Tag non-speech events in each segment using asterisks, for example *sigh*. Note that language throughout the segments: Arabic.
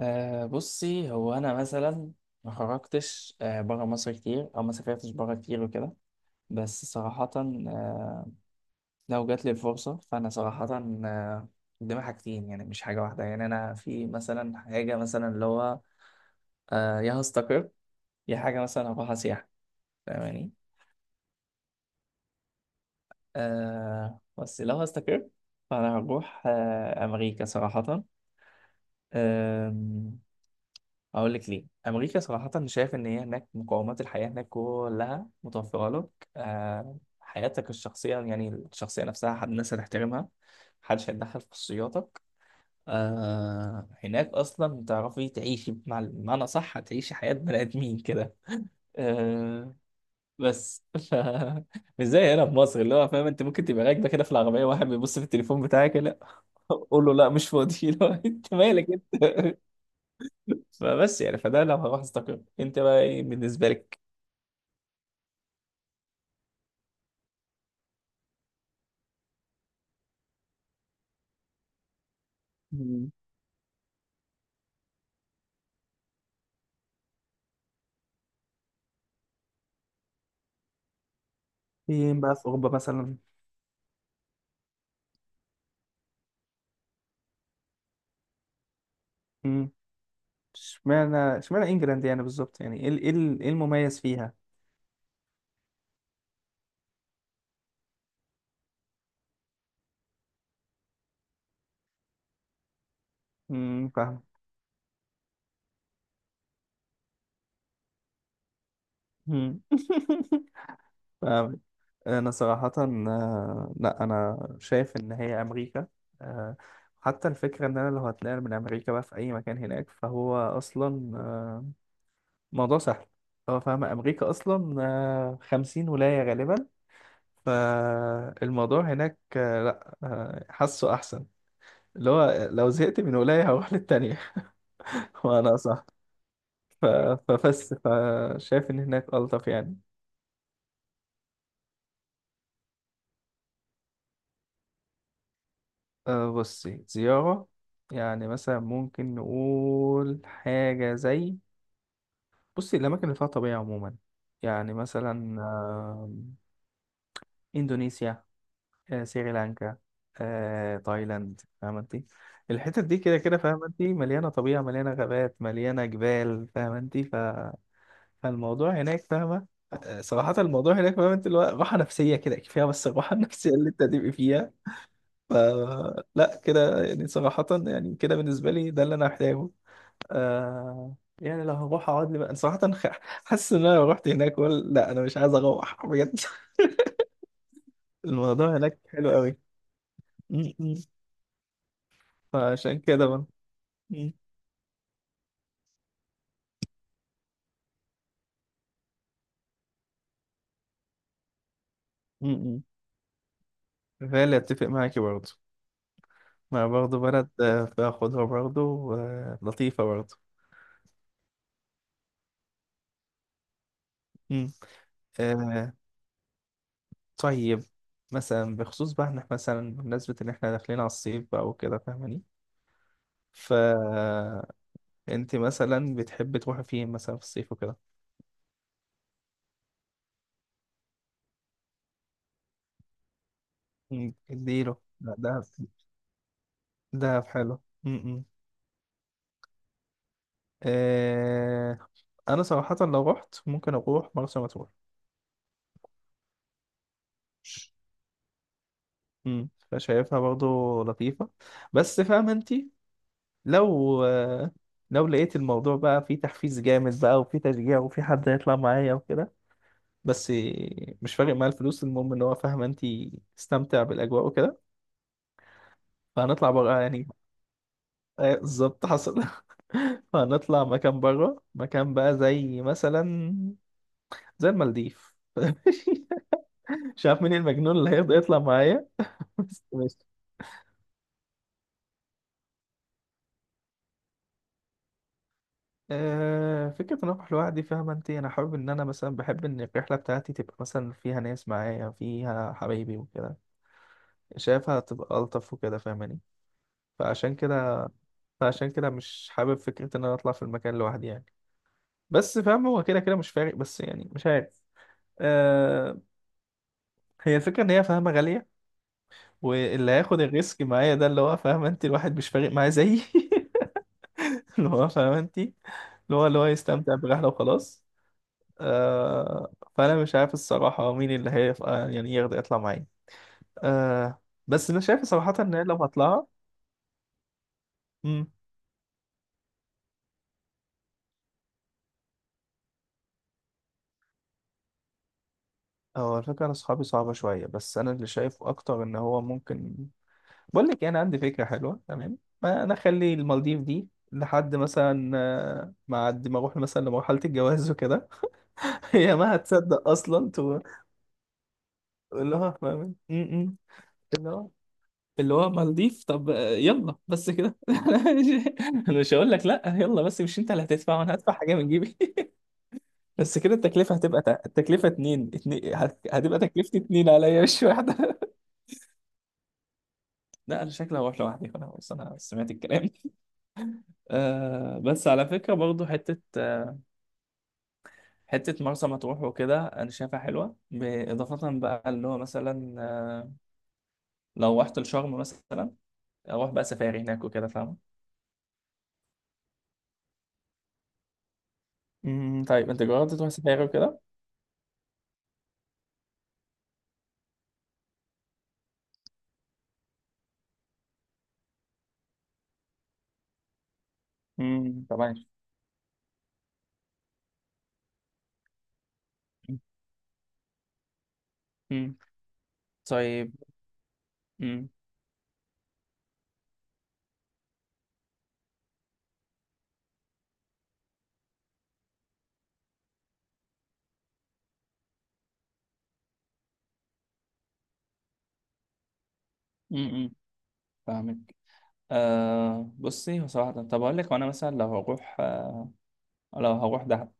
بصي، هو انا مثلا ما خرجتش بره مصر كتير، او ما سافرتش بره كتير وكده. بس صراحة، لو جات لي الفرصة فانا صراحة أه قدامي حاجتين، يعني مش حاجة واحدة. يعني انا في مثلا حاجة، مثلا اللي هو يا هستقر يا حاجة مثلا هروح سياحة، فاهماني؟ بس لو هستقر فانا هروح امريكا صراحة. أه اقول لك ليه امريكا. صراحه، شايف ان هي هناك مقومات الحياه هناك كلها متوفره لك. حياتك الشخصيه، يعني الشخصيه نفسها، حد الناس هتحترمها، محدش هيتدخل في خصوصياتك. هناك اصلا تعرفي تعيشي مع، بمعنى صح هتعيشي حياه بني ادمين كده. آه بس ف... *laughs* مش زي هنا في مصر، اللي هو فاهم انت ممكن تبقى راكبه كده في العربيه واحد بيبص في التليفون بتاعك، لا *laughs* قول له لا مش فاضي *laughs* لو انت مالك انت. فبس يعني، فده لو هروح استقر. انت بقى ايه بالنسبه لك؟ مم. فين بقى في اوروبا مثلا؟ مم. اشمعنى انجلاند يعني بالظبط، يعني إيه المميز فيها؟ مم، فاهم. مم. *laughs* فاهم. انا صراحة لا، انا شايف ان هي امريكا. آه، حتى الفكرة ان انا لو هتنقل من امريكا بقى في اي مكان هناك فهو اصلا موضوع سهل. هو فاهم امريكا اصلا 50 ولاية غالبا. فالموضوع هناك لا حاسه احسن. اللي هو لو زهقت من ولاية هروح للتانية *laughs* وانا صح. ف- فبس، فشايف ان هناك الطف يعني. بصي زيارة، يعني مثلا ممكن نقول حاجة زي، بصي الأماكن اللي فيها طبيعة عموما، يعني مثلا آم، إندونيسيا، سريلانكا، تايلاند، فاهمة انت. الحتت دي كده كده فاهمة انت، مليانة طبيعة مليانة غابات مليانة جبال فاهمة انت. فالموضوع هناك فاهمة، صراحة الموضوع هناك فاهمة انت، اللي هو راحة نفسية كده كفاية، بس الراحة *laughs* النفسية اللي انت هتبقي فيها. ف لا كده يعني، صراحة يعني كده بالنسبة لي ده اللي انا محتاجه. يعني لو هروح اقعد لي بقى صراحة، حاسس ان انا لو رحت هناك ولا لا، انا مش عايز اروح بجد. *laughs* الموضوع هناك حلو قوي. م. فعشان كده. مم. مم. فعلا اتفق معاكي برضه، ما برضه بلد فاخدها برضه لطيفة برضه. مم. آه، طيب مثلا بخصوص بقى إن إحنا مثلا، بمناسبة ان احنا داخلين على الصيف بقى وكده فاهماني. فانت مثلا بتحبي تروحي فين مثلا في الصيف وكده؟ مم. اديله، لا، دهب. دهب حلو. مم. آه، انا صراحة لو رحت ممكن اروح مرسى مطروح. فشايفها برضو لطيفة، بس فاهم انت، لو لو لقيت الموضوع بقى فيه تحفيز جامد بقى وفيه تشجيع وفيه حد هيطلع معايا وكده، بس مش فارق معايا الفلوس، المهم ان هو فاهمه انت استمتع بالاجواء وكده. فهنطلع بره يعني. بالظبط حصل. *laughs* فهنطلع مكان بره، مكان بقى زي مثلا زي المالديف. *laughs* مش عارف مين المجنون اللي هيرضى يطلع معايا. بس فكرة إن أروح لوحدي، فاهمة أنت، أنا حابب إن أنا مثلا بحب إن الرحلة بتاعتي تبقى مثلا فيها ناس معايا فيها حبايبي وكده، شايفها تبقى ألطف وكده فاهماني. فعشان كده فعشان كده مش حابب فكرة إن أنا أطلع في المكان لوحدي يعني. بس فاهمة هو كده كده مش فارق، بس يعني مش عارف. أه هي الفكرة إن هي فاهمة غالية، واللي هياخد الريسك معايا ده اللي هو فاهمة أنت الواحد مش فارق معاه زيي. *laughs* اللي هو فاهمة أنت، اللي هو يستمتع برحلة وخلاص. فأنا مش عارف الصراحة مين اللي هيبقى يعني يقدر يطلع معايا. بس أنا شايف صراحة إن أنا لو هطلعها. مم. هو الفكرة أنا أصحابي صعبة شوية، بس أنا اللي شايفه أكتر إن هو ممكن، بقول لك إيه، أنا عندي فكرة حلوة تمام، ما أنا أخلي المالديف دي لحد مثلا ما عد ما أروح مثلا لمرحلة الجواز وكده. *laughs* هي ما هتصدق أصلا، تقول لها فاهم. م. اللي هو اللي هو مالديف. طب يلا بس كده. *laughs* انا مش أنا مش هقول لك لا يلا، بس مش انت اللي هتدفع وانا هدفع حاجه من جيبي. *laughs* بس كده التكلفه هتبقى، التكلفه اتنين اتنين هتبقى تكلفتي اتنين عليا مش واحده. *laughs* لا، انا شكلي هروح لوحدي خلاص، انا سمعت الكلام. *laughs* بس على فكره برضو حته، حته مرسى مطروح وكده انا شايفها حلوه، باضافه بقى اللي هو مثلا لو رحت لشرم مثلا، اروح بقى سفاري هناك وكده فاهم؟ طيب انت جربت تروح سفاري وكده؟ طبعا. مم. طيب. مم. مم. مم. فاهمك. بصي هو صراحة، طب أقول لك وأنا مثلا لو هروح آه لو هروح دهب،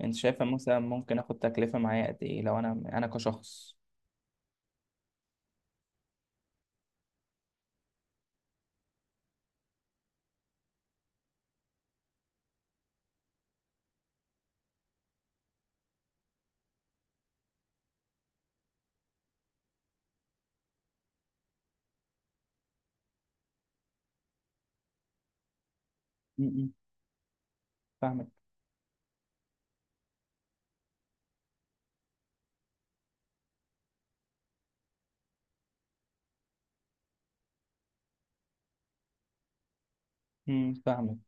أنت شايفة مثلا ممكن آخد تكلفة معايا قد إيه لو أنا أنا كشخص؟ مم. مم. فاهمك. مم. فاهمك.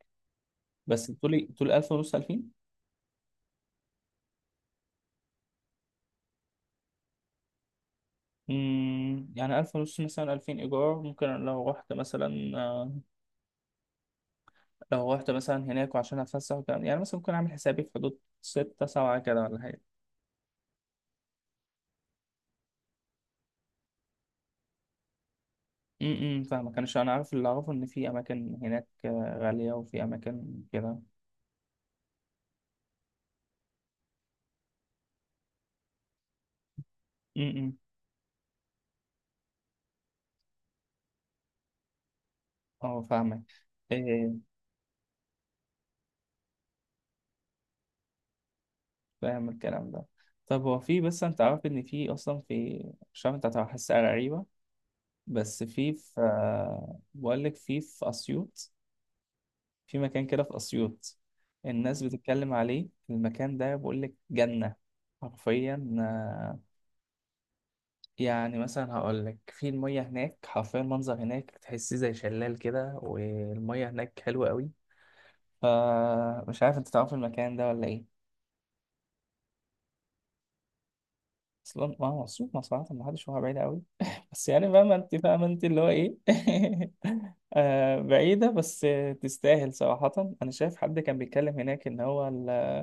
بس بتقولي 1500 2000. مم. يعني 1500 مثلا 2000 إيجار، ممكن لو رحت مثلا، لو رحت مثلا هناك وعشان أتفسح وكده، يعني مثلا ممكن أعمل حسابي في حدود 6 7 كده ولا حاجة. فاهمك. انا انا عارف اللي اعرفه، ان في اماكن هناك غاليه وفي اماكن كده. امم امم. اه، فاهمك. إيه، فاهم الكلام ده. طب هو في، بس انت عارف ان في اصلا في، مش عارف انت هتحسها غريبه، بس في بقول لك في اسيوط. في مكان كده في اسيوط الناس بتتكلم عليه. المكان ده بقول لك جنه حرفيا، يعني مثلا هقول لك في المية هناك حرفيا، المنظر هناك تحسيه زي شلال كده، والمية هناك حلوة قوي. فمش عارف انت تعرف المكان ده ولا ايه؟ اصلا ما هو مصروف، ما صراحة ما حدش، هو بعيدة قوي، *laughs* بس يعني فاهمة انت فاهمة انت اللي هو ايه. *laughs* بعيدة بس تستاهل صراحة. انا شايف حد كان بيتكلم هناك ان هو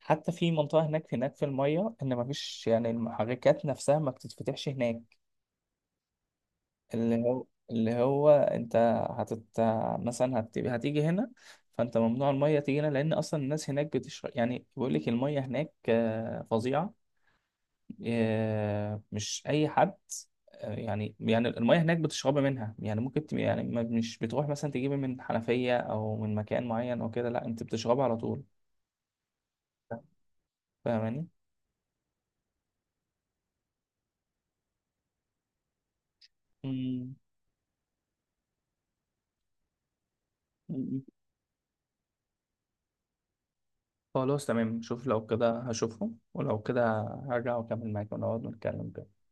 حتى في منطقة هناك، في المية ان مفيش، يعني المحركات نفسها ما بتتفتحش هناك. اللي هو، انت هتت مثلا هتيجي هنا، فانت ممنوع الميه تيجي هنا لان اصلا الناس هناك بتشرب، يعني بيقول لك الميه هناك فظيعه. مش اي حد. يعني، يعني الميه هناك بتشربي منها، يعني ممكن تبقى، يعني مش بتروح مثلا تجيبي من حنفيه او من مكان معين او كده، لا، انت بتشربها على طول. فاهماني؟ مم. مم. خلاص تمام، شوف لو كده هشوفهم، ولو كده هرجع واكمل معاك ونقعد نتكلم كده.